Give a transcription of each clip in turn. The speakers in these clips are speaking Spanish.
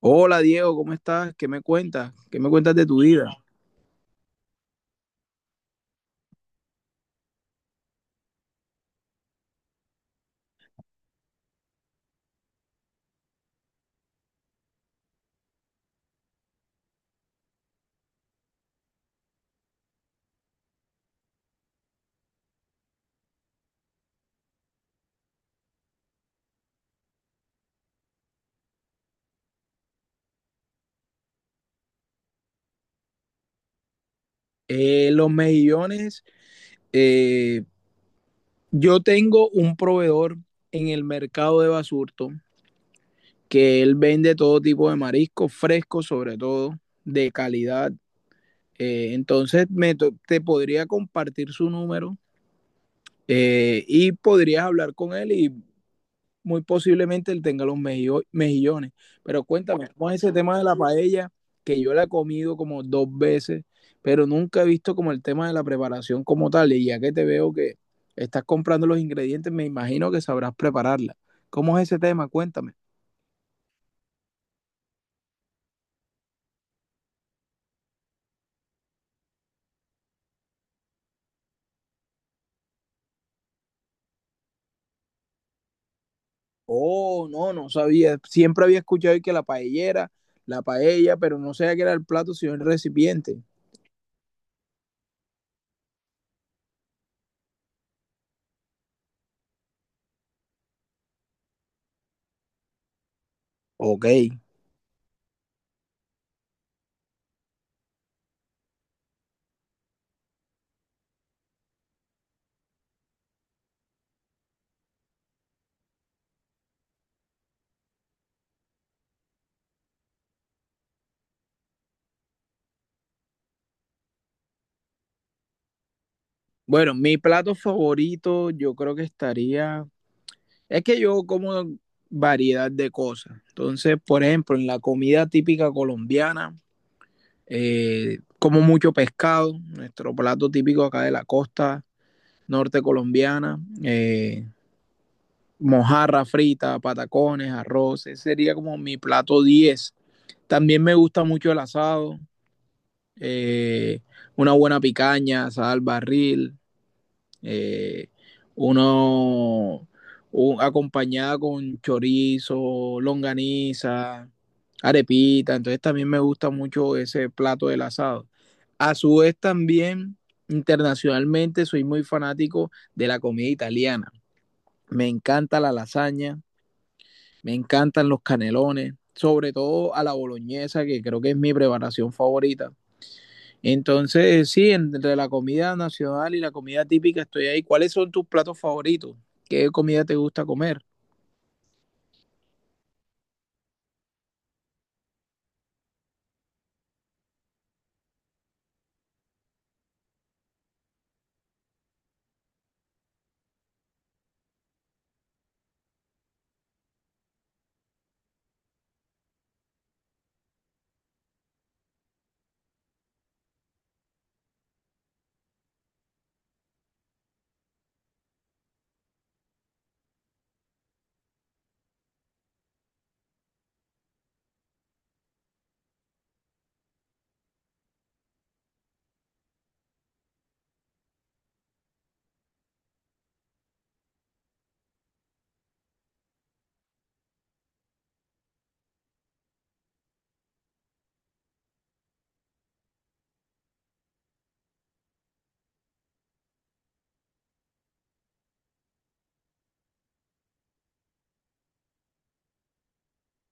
Hola Diego, ¿cómo estás? ¿Qué me cuentas? ¿Qué me cuentas de tu vida? Los mejillones, eh, yo tengo un proveedor en el mercado de Basurto que él vende todo tipo de mariscos frescos, sobre todo de calidad. Entonces te podría compartir su número y podrías hablar con él y muy posiblemente él tenga los mejillones. Pero cuéntame, ¿cómo es ese tema de la paella? Que yo la he comido como dos veces, pero nunca he visto como el tema de la preparación como tal. Y ya que te veo que estás comprando los ingredientes, me imagino que sabrás prepararla. ¿Cómo es ese tema? Cuéntame. Oh, no, no sabía. Siempre había escuchado que la paellera, la paella, pero no sabía que era el plato, sino el recipiente. Ok. Bueno, mi plato favorito yo creo que estaría. Es que yo como variedad de cosas. Entonces, por ejemplo, en la comida típica colombiana, como mucho pescado, nuestro plato típico acá de la costa norte colombiana, mojarra frita, patacones, arroz, ese sería como mi plato 10. También me gusta mucho el asado, eh, una buena picaña, sal barril, eh, uno acompañada con chorizo, longaniza, arepita. Entonces también me gusta mucho ese plato del asado. A su vez también internacionalmente soy muy fanático de la comida italiana. Me encanta la lasaña, me encantan los canelones, sobre todo a la boloñesa, que creo que es mi preparación favorita. Entonces, sí, entre la comida nacional y la comida típica estoy ahí. ¿Cuáles son tus platos favoritos? ¿Qué comida te gusta comer?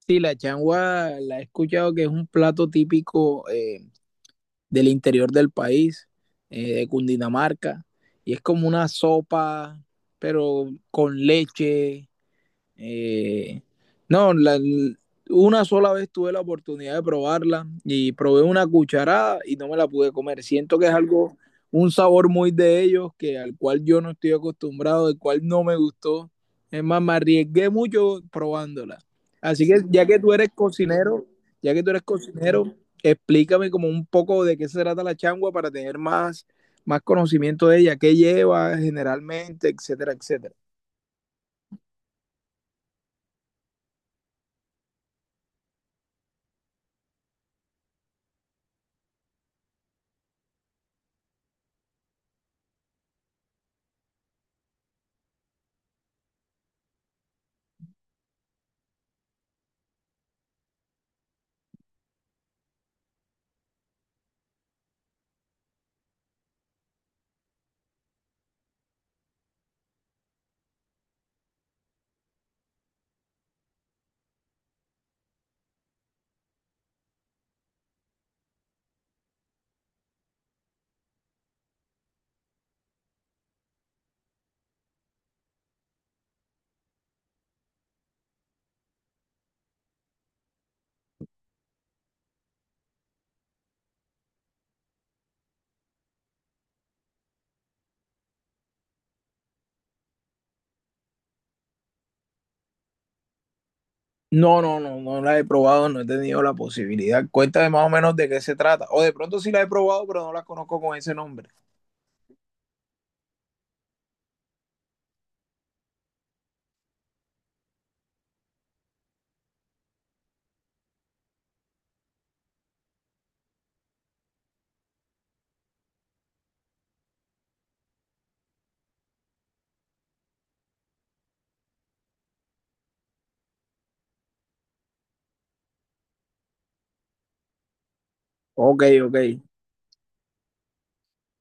Sí, la changua la he escuchado que es un plato típico del interior del país, de Cundinamarca, y es como una sopa, pero con leche. Eh, no, la- una sola vez tuve la oportunidad de probarla y probé una cucharada y no me la pude comer. Siento que es algo, un sabor muy de ellos, que al cual yo no estoy acostumbrado, el cual no me gustó. Es más, me arriesgué mucho probándola. Así que ya que tú eres cocinero, ya que tú eres cocinero, explícame como un poco de qué se trata la changua para tener más, más conocimiento de ella, qué lleva generalmente, etcétera, etcétera. No, no, no, no la he probado, no he tenido la posibilidad. Cuéntame más o menos de qué se trata. O de pronto sí la he probado, pero no la conozco con ese nombre. Ok, ok,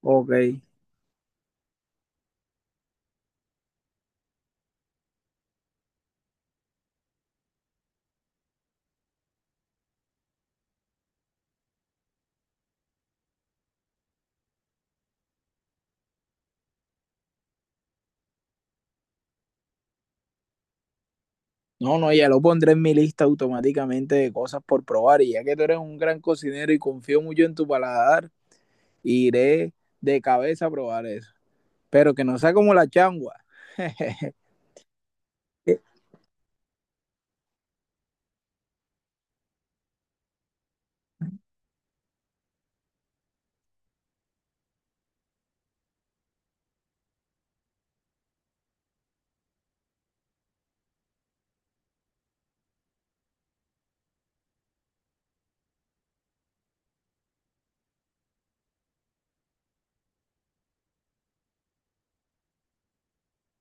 ok. No, no, ya lo pondré en mi lista automáticamente de cosas por probar. Y ya que tú eres un gran cocinero y confío mucho en tu paladar, iré de cabeza a probar eso. Pero que no sea como la changua.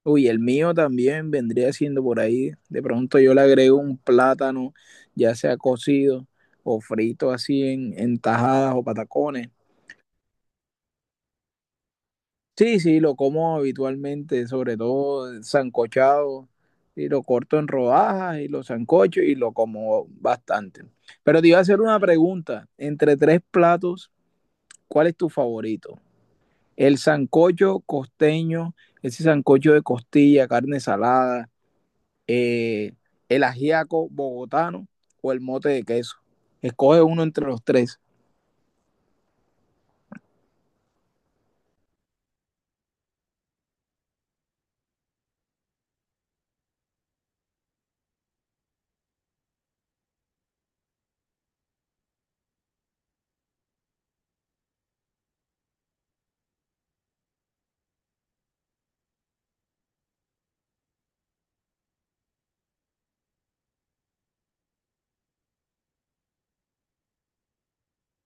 Uy, el mío también vendría siendo por ahí. De pronto yo le agrego un plátano, ya sea cocido o frito así en tajadas o patacones. Sí, sí, lo como habitualmente, sobre todo sancochado, y lo corto en rodajas y lo sancocho y lo como bastante. Pero te iba a hacer una pregunta. Entre tres platos, ¿cuál es tu favorito? El sancocho costeño, ese sancocho de costilla, carne salada, eh, el ajiaco bogotano o el mote de queso. Escoge uno entre los tres.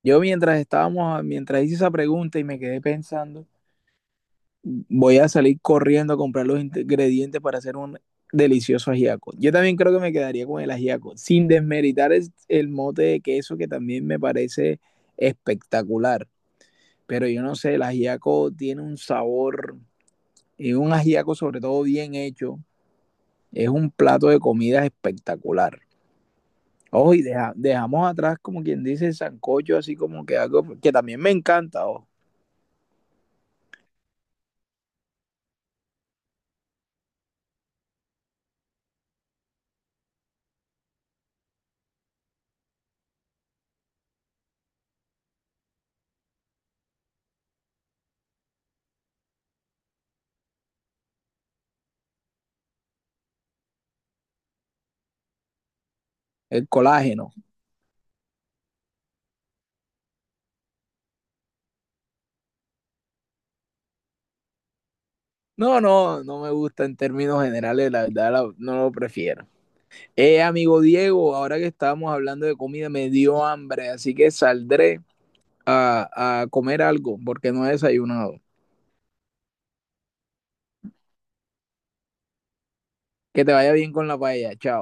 Yo mientras estábamos, mientras hice esa pregunta y me quedé pensando, voy a salir corriendo a comprar los ingredientes para hacer un delicioso ajiaco. Yo también creo que me quedaría con el ajiaco, sin desmeritar el mote de queso que también me parece espectacular. Pero yo no sé, el ajiaco tiene un sabor, y un ajiaco sobre todo bien hecho, es un plato de comida espectacular. Oh, y dejamos atrás, como quien dice, el sancocho, así como que algo que también me encanta. Oh, el colágeno. No, no, no me gusta en términos generales, la verdad no lo prefiero. Amigo Diego, ahora que estábamos hablando de comida, me dio hambre, así que saldré a comer algo porque no he desayunado. Que te vaya bien con la paella, chao.